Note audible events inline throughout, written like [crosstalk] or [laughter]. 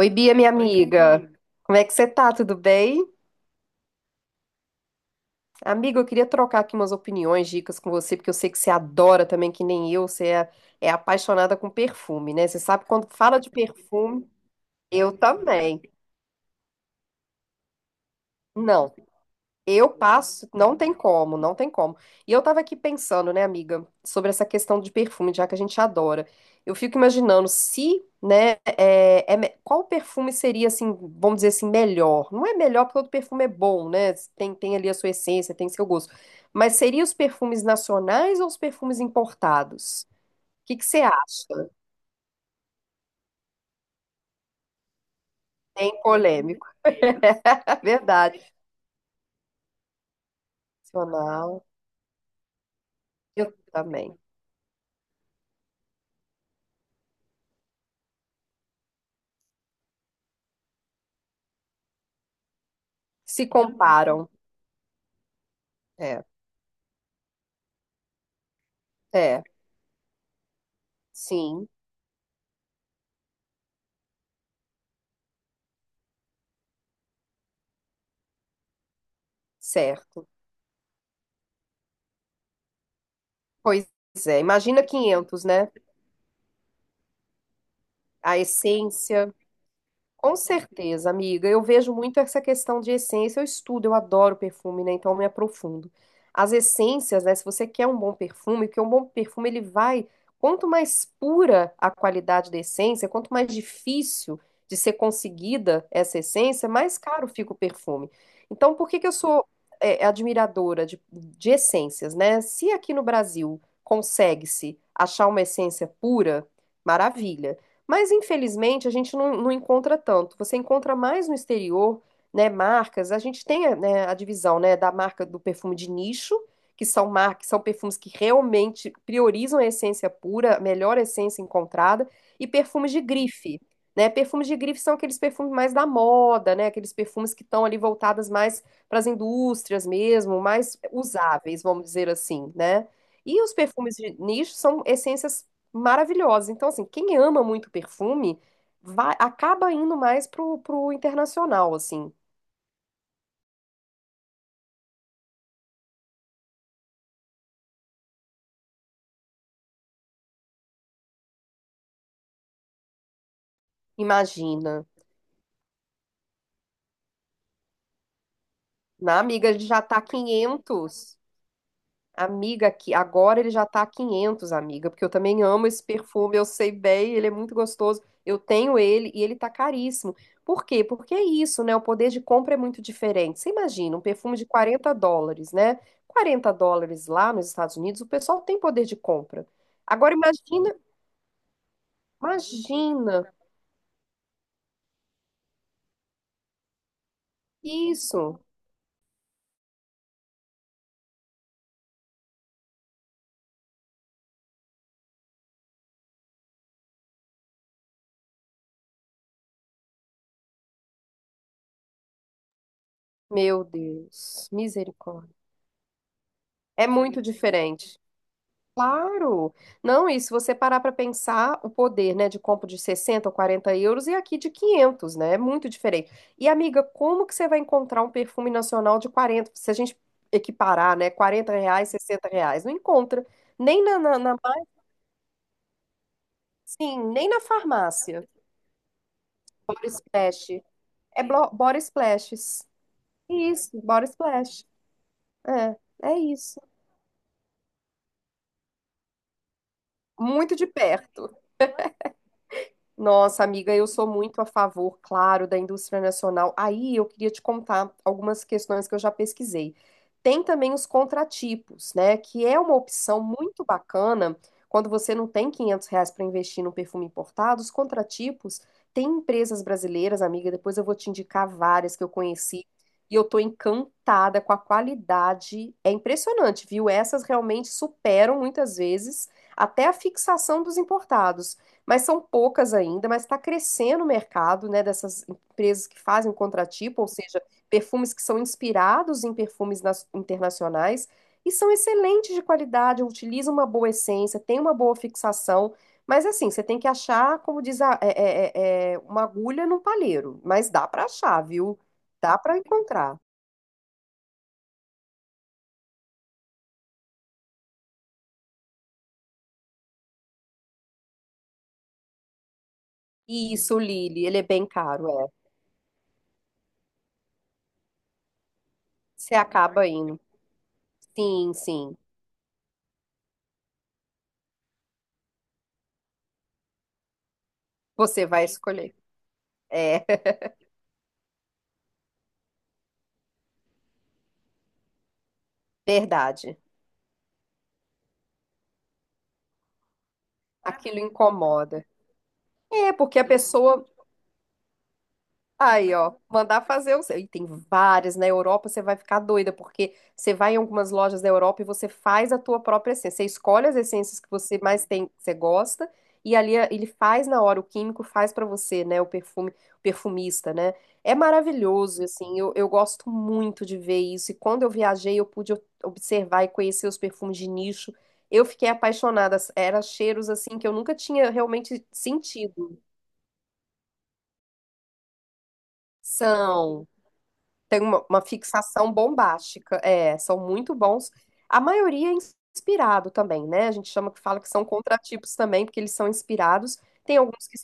Oi, Bia, minha Oi, Gabi, amiga, Camille. Como é que você tá? Tudo bem? Amiga, eu queria trocar aqui umas opiniões, dicas com você, porque eu sei que você adora também, que nem eu, você é apaixonada com perfume, né? Você sabe quando fala de perfume, eu também. Não. Eu passo, não tem como, não tem como. E eu tava aqui pensando, né, amiga, sobre essa questão de perfume, já que a gente adora. Eu fico imaginando se, né, qual perfume seria, assim, vamos dizer assim, melhor. Não é melhor porque todo perfume é bom, né? Tem ali a sua essência, tem seu gosto. Mas seria os perfumes nacionais ou os perfumes importados? O que que você acha? Tem polêmico, [laughs] é verdade. Nacional, eu também. Se comparam, é, é, sim. Certo. Pois é, imagina 500, né? A essência. Com certeza, amiga. Eu vejo muito essa questão de essência. Eu estudo, eu adoro perfume, né? Então eu me aprofundo. As essências, né? Se você quer um bom perfume, porque um bom perfume ele vai. Quanto mais pura a qualidade da essência, quanto mais difícil de ser conseguida essa essência, mais caro fica o perfume. Então, por que que eu sou admiradora de essências, né? Se aqui no Brasil consegue-se achar uma essência pura, maravilha. Mas infelizmente a gente não encontra tanto. Você encontra mais no exterior, né, marcas. A gente tem, né, a divisão, né, da marca do perfume de nicho, que são marcas, são perfumes que realmente priorizam a essência pura, a melhor essência encontrada, e perfumes de grife, né? Perfumes de grife são aqueles perfumes mais da moda, né? Aqueles perfumes que estão ali voltadas mais para as indústrias mesmo, mais usáveis, vamos dizer assim, né? E os perfumes de nicho são essências maravilhosos. Então, assim, quem ama muito perfume vai, acaba indo mais pro internacional, assim. Imagina. Na amiga, ele já tá 500, Amiga, aqui, agora ele já tá 500, amiga, porque eu também amo esse perfume, eu sei bem, ele é muito gostoso. Eu tenho ele e ele tá caríssimo. Por quê? Porque é isso, né? O poder de compra é muito diferente. Você imagina, um perfume de US$ 40, né? US$ 40 lá nos Estados Unidos, o pessoal tem poder de compra. Agora imagina isso. Meu Deus, misericórdia. É muito diferente. Claro. Não, e se você parar para pensar, o poder, né, de compra de 60 ou 40 € e aqui de 500, né? É muito diferente. E, amiga, como que você vai encontrar um perfume nacional de 40? Se a gente equiparar, né, R$ 40, R$ 60, não encontra. Nem na, na, na mais- Sim, nem na farmácia. Body Splash. Body Splashes. Isso, Body Splash. É, é isso. Muito de perto. Nossa, amiga, eu sou muito a favor, claro, da indústria nacional. Aí eu queria te contar algumas questões que eu já pesquisei. Tem também os contratipos, né? Que é uma opção muito bacana quando você não tem R$ 500 para investir num perfume importado. Os contratipos tem empresas brasileiras, amiga. Depois eu vou te indicar várias que eu conheci e eu tô encantada com a qualidade. É impressionante, viu? Essas realmente superam muitas vezes até a fixação dos importados, mas são poucas ainda, mas está crescendo o mercado, né, dessas empresas que fazem o contratipo, ou seja, perfumes que são inspirados em perfumes internacionais e são excelentes de qualidade, utilizam uma boa essência, tem uma boa fixação, mas assim, você tem que achar, como diz a, uma agulha num palheiro, mas dá para achar, viu? Dá para encontrar. Isso, Lili, ele é bem caro, é. Você acaba indo. Sim, sim. Você vai escolher. É, [laughs] verdade. Aquilo incomoda. É, porque a pessoa. Aí, ó, mandar fazer o seu. E tem várias na Europa, você vai ficar doida, porque você vai em algumas lojas da Europa e você faz a tua própria essência. Você escolhe as essências que você mais tem, que você gosta, e ali ele faz na hora, o químico faz pra você, né? O perfume, o perfumista, né? É maravilhoso, assim, eu gosto muito de ver isso. E quando eu viajei, eu pude observar e conhecer os perfumes de nicho. Eu fiquei apaixonada, eram cheiros assim que eu nunca tinha realmente sentido. São, tem uma fixação bombástica, são muito bons. A maioria é inspirado também, né? A gente chama que fala que são contratipos também, porque eles são inspirados. Tem alguns que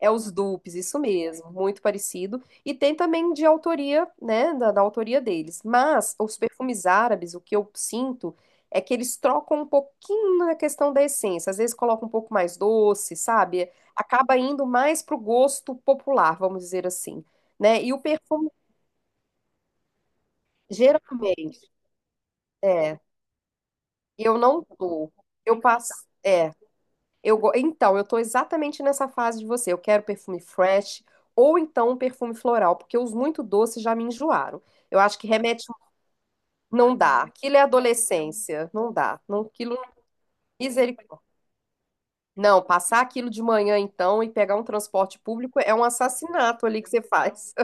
é os dupes, isso mesmo, muito parecido. E tem também de autoria, né, da autoria deles. Mas os perfumes árabes, o que eu sinto é que eles trocam um pouquinho na questão da essência. Às vezes colocam um pouco mais doce, sabe? Acaba indo mais pro gosto popular, vamos dizer assim, né? E o perfume Geralmente, é, eu não tô. Eu passo, é, então, eu tô exatamente nessa fase de você. Eu quero perfume fresh ou então um perfume floral, porque os muito doces já me enjoaram. Eu acho que remete Não dá. Aquilo é adolescência, não dá. Não, aquilo não misericórdia. Não, passar aquilo de manhã então e pegar um transporte público é um assassinato ali que você faz.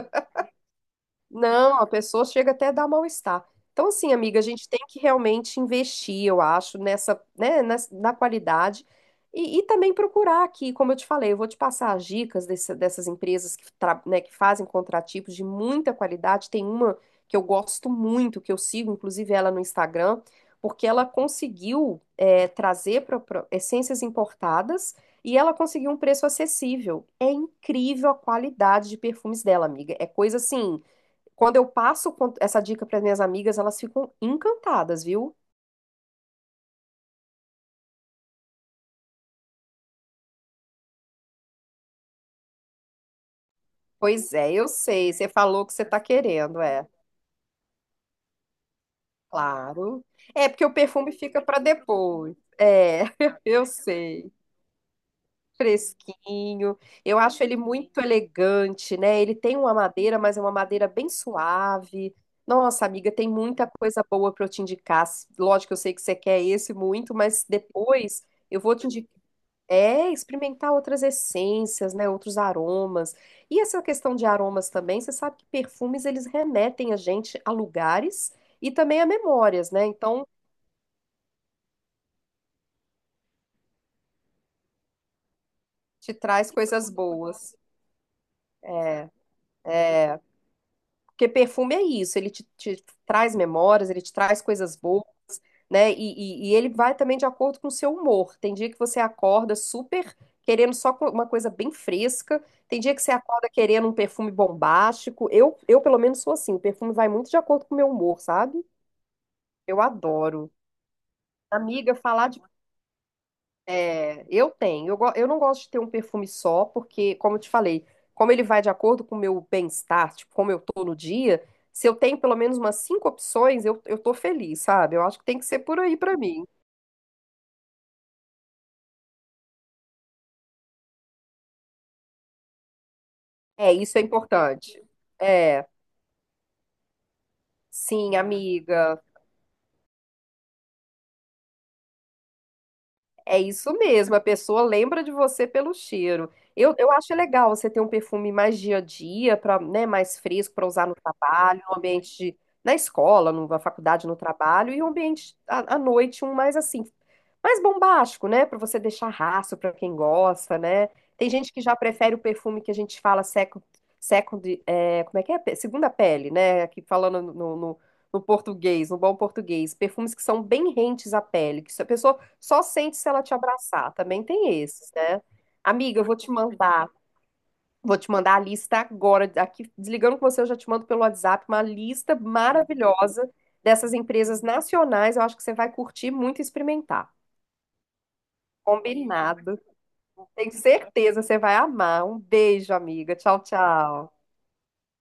Não, a pessoa chega até a dar mal-estar. Então, assim, amiga, a gente tem que realmente investir, eu acho, na qualidade, e também procurar aqui, como eu te falei, eu vou te passar as dicas dessas empresas que, né, que fazem contratipos de muita qualidade. Tem uma que eu gosto muito, que eu sigo, inclusive, ela no Instagram, porque ela conseguiu, trazer essências importadas e ela conseguiu um preço acessível. É incrível a qualidade de perfumes dela, amiga. É coisa assim. Quando eu passo essa dica para minhas amigas, elas ficam encantadas, viu? Pois é, eu sei. Você falou o que você tá querendo, é. Claro. É porque o perfume fica para depois. É, [laughs] eu sei. Fresquinho. Eu acho ele muito elegante, né? Ele tem uma madeira, mas é uma madeira bem suave. Nossa, amiga, tem muita coisa boa para eu te indicar. Lógico, eu sei que você quer esse muito, mas depois eu vou te indicar. É, experimentar outras essências, né, outros aromas. E essa questão de aromas também, você sabe que perfumes eles remetem a gente a lugares e também a memórias, né? Então, te traz coisas boas. Porque perfume é isso, ele te, traz memórias, ele te traz coisas boas, né? E ele vai também de acordo com o seu humor. Tem dia que você acorda super querendo só uma coisa bem fresca, tem dia que você acorda querendo um perfume bombástico. Eu pelo menos, sou assim, o perfume vai muito de acordo com o meu humor, sabe? Eu adoro. Amiga, falar de. Eu tenho. Eu não gosto de ter um perfume só, porque, como eu te falei, como ele vai de acordo com o meu bem-estar, tipo, como eu tô no dia, se eu tenho pelo menos umas cinco opções, eu tô feliz, sabe? Eu acho que tem que ser por aí pra mim. É, isso é importante. É, sim, amiga. É isso mesmo, a pessoa lembra de você pelo cheiro. Eu acho legal você ter um perfume mais dia a dia, pra, né, mais fresco para usar no trabalho, no ambiente na escola, na faculdade, no trabalho, e um ambiente à noite, um mais assim, mais bombástico, né? Para você deixar rastro para quem gosta, né? Tem gente que já prefere o perfume que a gente fala second, second, é, como é que é? Segunda pele, né? Aqui falando no português, no bom português, perfumes que são bem rentes à pele, que se a pessoa só sente se ela te abraçar. Também tem esses, né? Amiga, eu vou te mandar a lista agora. Aqui, desligando com você, eu já te mando pelo WhatsApp uma lista maravilhosa dessas empresas nacionais. Eu acho que você vai curtir muito e experimentar. Combinado. Tenho certeza, você vai amar. Um beijo, amiga. Tchau, tchau.